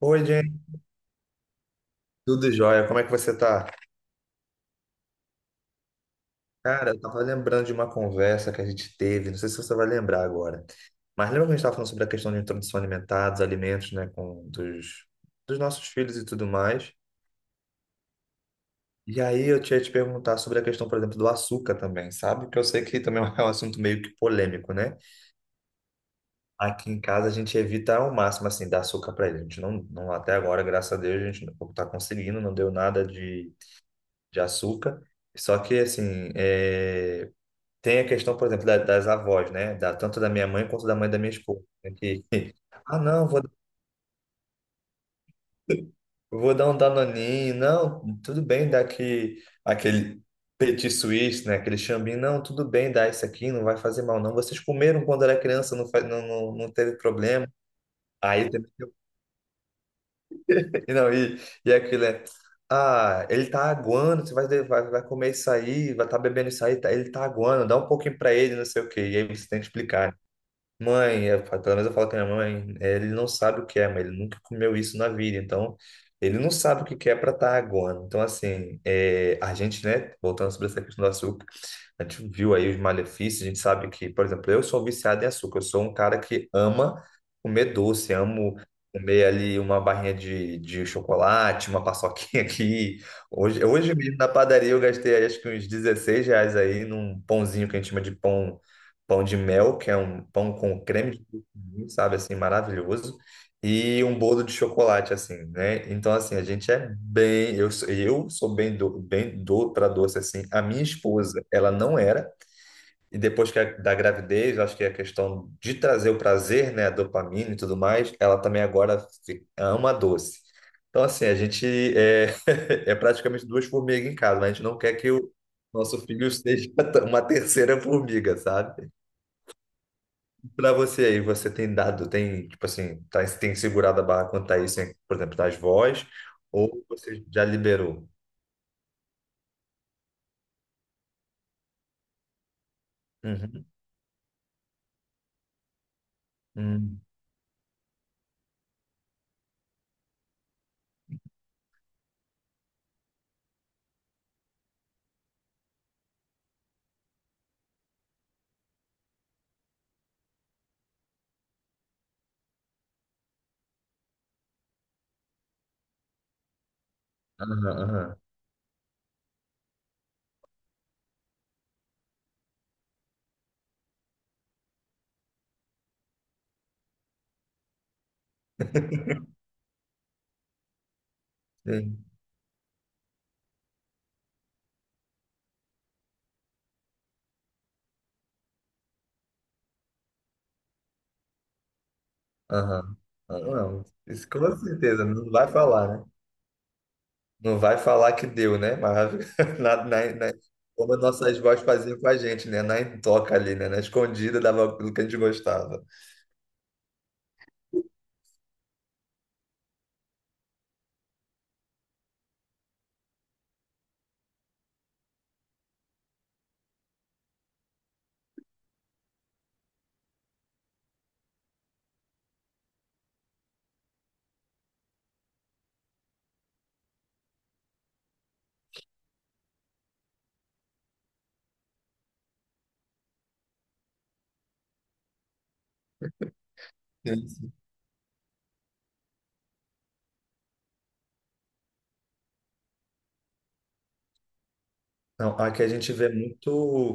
Oi, gente, tudo jóia? Como é que você tá? Cara, eu tava lembrando de uma conversa que a gente teve, não sei se você vai lembrar agora, mas lembra que a gente tava falando sobre a questão de introdução alimentar, dos alimentos, né, dos nossos filhos e tudo mais? E aí eu tinha te perguntar sobre a questão, por exemplo, do açúcar também, sabe? Que eu sei que também é um assunto meio que polêmico, né? Aqui em casa a gente evita ao máximo, assim, dar açúcar para ele. A gente não, até agora, graças a Deus, a gente não tá conseguindo, não deu nada de açúcar. Só que, assim, Tem a questão, por exemplo, das avós, né? Tanto da minha mãe quanto da mãe da minha esposa, né? Que, não, vou dar um danoninho. Não, tudo bem dar aqui, aquele petit suisse, né? Aquele chambinho. Não, tudo bem dar isso aqui, não vai fazer mal, não. Vocês comeram quando era criança, não, faz, não, não, não teve problema. Aí também, não, e aquilo Ah, ele tá aguando, você vai comer isso aí, vai estar tá bebendo isso aí, ele tá aguando, dá um pouquinho pra ele, não sei o quê. E aí você tem que explicar, né? Mãe, eu pelo menos eu falo com a minha mãe, ele não sabe o que é, mas ele nunca comeu isso na vida, então ele não sabe o que que é para estar agora. Então, assim, é, a gente, né, voltando sobre essa questão do açúcar, a gente viu aí os malefícios, a gente sabe que, por exemplo, eu sou viciado em açúcar, eu sou um cara que ama comer doce, amo comer ali uma barrinha de chocolate, uma paçoquinha aqui. Hoje, hoje mesmo na padaria eu gastei acho que uns 16 reais aí num pãozinho que a gente chama de pão, pão de mel, que é um pão com creme de coco, sabe, assim, maravilhoso, e um bolo de chocolate, assim, né? Então, assim, a gente é bem. Eu sou bem bem do para doce, assim. A minha esposa, ela não era. E depois que da gravidez, eu acho que é a questão de trazer o prazer, né? A dopamina e tudo mais, ela também agora ama doce. Então, assim, a gente é, é praticamente duas formigas em casa, mas a gente não quer que o nosso filho seja uma terceira formiga, sabe? Pra você aí, você tem dado, tem, tipo assim, tá, tem segurado a barra quanto a isso, hein? Por exemplo, das vozes, ou você já liberou? Uhum. Uhum. Aham, aham. Sim. Aham. Ah, não, isso com certeza, não vai falar, né? Não vai falar que deu, né? Mas na, na, na- como as nossas vozes faziam com a gente, né? Na intoca ali, né? Na escondida dava aquilo que a gente gostava. Não, aqui a gente vê muito,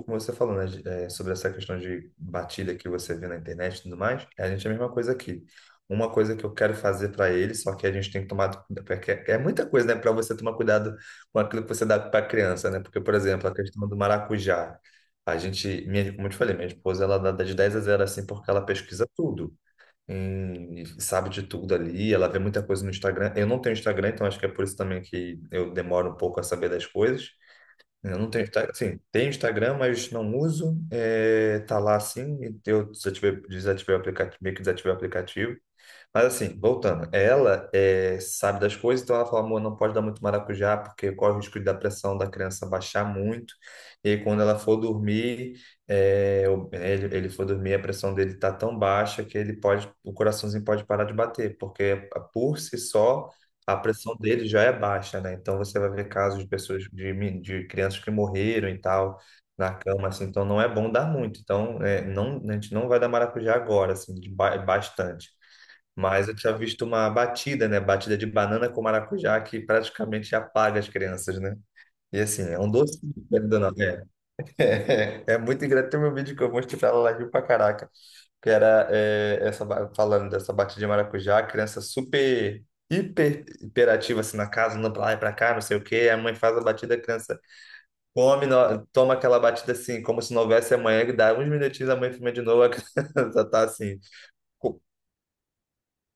como você falou, né, sobre essa questão de batida que você vê na internet e tudo mais, é a gente é a mesma coisa aqui. Uma coisa que eu quero fazer para ele, só que a gente tem que tomar, porque é muita coisa, né, para você tomar cuidado com aquilo que você dá para a criança, né? Porque, por exemplo, a questão do maracujá, como eu te falei, minha esposa, ela dá de 10 a zero assim, porque ela pesquisa tudo. E sabe de tudo ali, ela vê muita coisa no Instagram. Eu não tenho Instagram, então acho que é por isso também que eu demoro um pouco a saber das coisas. Eu não tenho Instagram, sim, tenho Instagram, mas não uso. É, tá lá assim, eu desativei o aplicativo, meio que desativei o aplicativo. Mas assim, voltando, ela é, sabe das coisas, então ela fala, amor, não pode dar muito maracujá, porque corre o risco da pressão da criança baixar muito. E aí, quando ela for dormir, é, ele for dormir, a pressão dele tá tão baixa que ele pode, o coraçãozinho pode parar de bater, porque por si só a pressão dele já é baixa, né? Então você vai ver casos de pessoas, de crianças que morreram e tal. Na cama, assim, então não é bom dar muito. Então, é, não, a gente não vai dar maracujá agora, assim, de bastante. Mas eu tinha visto uma batida, né? Batida de banana com maracujá que praticamente apaga as crianças, né? E assim, é um doce, querendo ou não. É, é muito engraçado. Tem um vídeo que eu mostrei pra ela, ela riu pra caraca. Que era é, essa, falando dessa batida de maracujá, a criança super, hiperativa assim na casa, andando pra lá e pra cá, não sei o quê. A mãe faz a batida, a criança come, toma aquela batida assim, como se não houvesse amanhã, e dá uns minutinhos, a mãe filma de novo, a criança tá assim.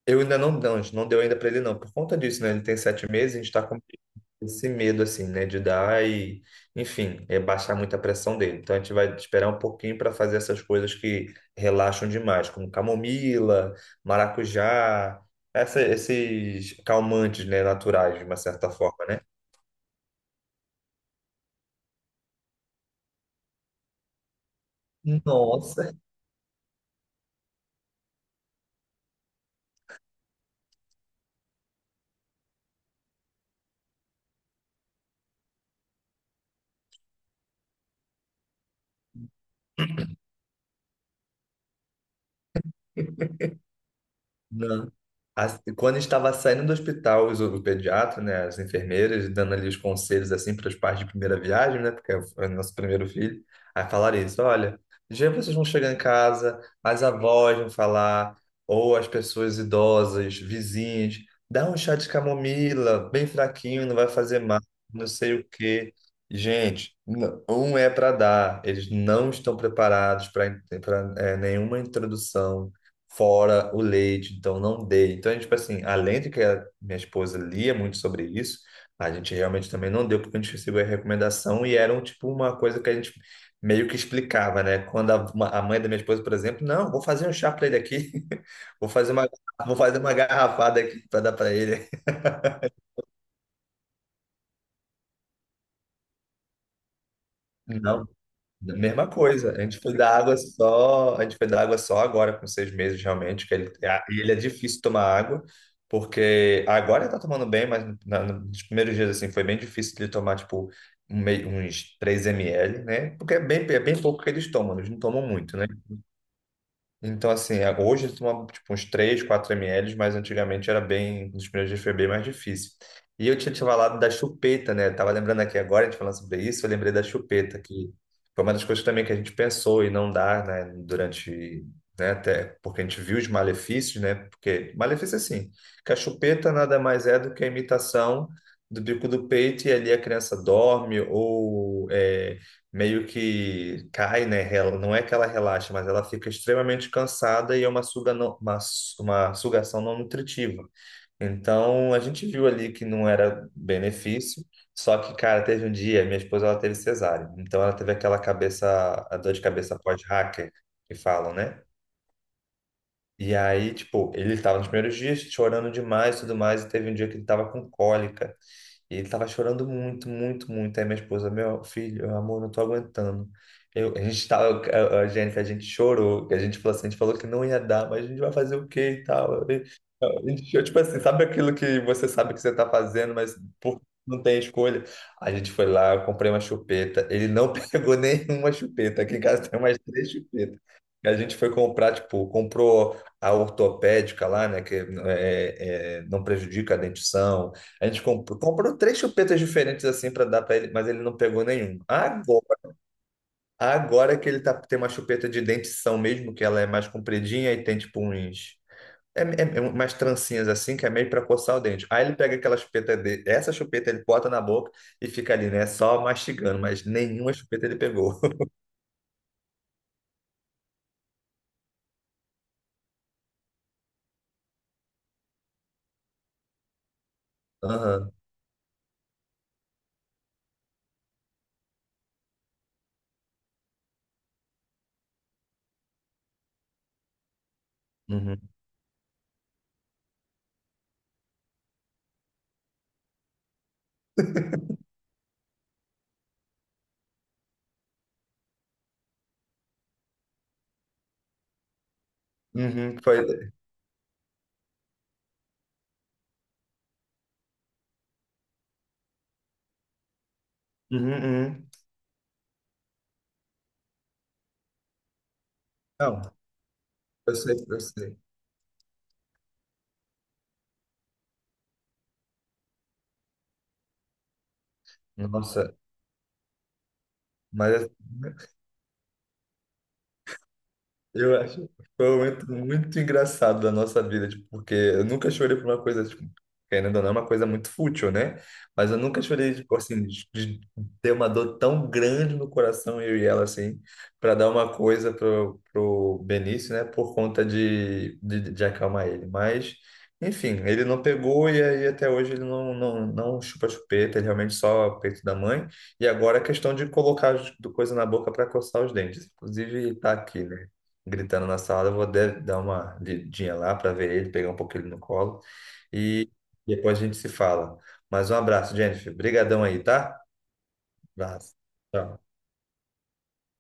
Eu ainda não, a gente não deu ainda para ele não, por conta disso, né? Ele tem 7 meses, a gente está com esse medo, assim, né? De dar e, enfim, é baixar muito a pressão dele. Então a gente vai esperar um pouquinho para fazer essas coisas que relaxam demais, como camomila, maracujá, esses calmantes, né? Naturais, de uma certa forma, né? Nossa! Não. Quando estava saindo do hospital, o pediatra, né, as enfermeiras, dando ali os conselhos assim para os pais de primeira viagem, né, porque é o nosso primeiro filho, aí falaram isso: olha, já vocês vão chegar em casa, as avós vão falar, ou as pessoas idosas, vizinhos, dá um chá de camomila, bem fraquinho, não vai fazer mal, não sei o quê. Gente, um é para dar, eles não estão preparados para nenhuma introdução fora o leite, então não dê. Então, a gente, tipo assim, além de que a minha esposa lia muito sobre isso, a gente realmente também não deu, porque a gente recebeu a recomendação e era um, tipo uma coisa que a gente meio que explicava, né? Quando a mãe da minha esposa, por exemplo, não, vou fazer um chá para ele aqui, vou fazer uma, vou fazer uma garrafada aqui para dar para ele. Não. Mesma coisa, a gente foi dar água só, a gente foi dar água só agora, com 6 meses realmente, que ele, e ele é difícil tomar água, porque agora ele tá tomando bem, mas nos primeiros dias, assim, foi bem difícil de tomar, tipo, um uns 3 ml, né? Porque é bem pouco que eles tomam, eles não tomam muito, né? Então, assim, hoje eu tomo tipo, uns 3 4 ml, mas antigamente era bem, nos primeiros dias foi bem mais difícil. E eu tinha te falado da chupeta, né? Eu tava lembrando aqui agora, a gente falando sobre isso, eu lembrei da chupeta, que foi uma das coisas também que a gente pensou e não dá, né? Durante, né? Até porque a gente viu os malefícios, né? Porque, malefício assim, que a chupeta nada mais é do que a imitação do bico do peito e ali a criança dorme ou é, meio que cai, né? Não é que ela relaxa, mas ela fica extremamente cansada e é uma, suga não- uma, su- uma sugação não nutritiva. Então, a gente viu ali que não era benefício, só que, cara, teve um dia, minha esposa, ela teve cesárea. Então, ela teve aquela cabeça, a dor de cabeça pós-hacker, que falam, né? E aí, tipo, ele estava nos primeiros dias chorando demais e tudo mais, e teve um dia que ele estava com cólica. E ele tava chorando muito, muito, muito. Aí minha esposa, meu filho, amor, não tô aguentando. Eu, a gente tava, a Jennifer, a gente chorou, a gente falou assim, a gente falou que não ia dar, mas a gente vai fazer o quê e tal. E, a gente, eu, tipo assim, sabe aquilo que você sabe que você tá fazendo, mas por, não tem escolha? A gente foi lá, eu comprei uma chupeta. Ele não pegou nenhuma chupeta. Aqui em casa tem umas três chupetas. E a gente foi comprar, tipo, comprou a ortopédica lá, né, que é, não prejudica a dentição, a gente comprou três chupetas diferentes assim para dar para ele, mas ele não pegou nenhum. Agora, agora que ele tá, tem uma chupeta de dentição mesmo, que ela é mais compridinha e tem tipo uns. É umas trancinhas assim, que é meio para coçar o dente. Aí ele pega aquela chupeta dele, essa chupeta ele bota na boca e fica ali, né? Só mastigando, mas nenhuma chupeta ele pegou. Aham. Uhum. Uhum. Foi. Uhum, uhum. Não, eu sei, eu sei. Nossa, mas é, eu acho que foi um momento muito engraçado da nossa vida, tipo, porque eu nunca chorei por uma coisa, tipo, querendo ou não, é uma coisa muito fútil, né? Mas eu nunca chorei, tipo, assim, de ter uma dor tão grande no coração, eu e ela, assim, para dar uma coisa pro Benício, né? Por conta de acalmar ele. Mas, enfim, ele não pegou, e aí até hoje ele não chupa chupeta, ele realmente só peito da mãe. E agora a questão de colocar do coisa na boca para coçar os dentes. Inclusive, tá aqui, né, gritando na sala. Eu vou dar uma lidinha lá para ver ele, pegar um pouquinho ele no colo. E depois a gente se fala. Mas um abraço, Jennifer. Obrigadão aí, tá? Abraço. Tchau.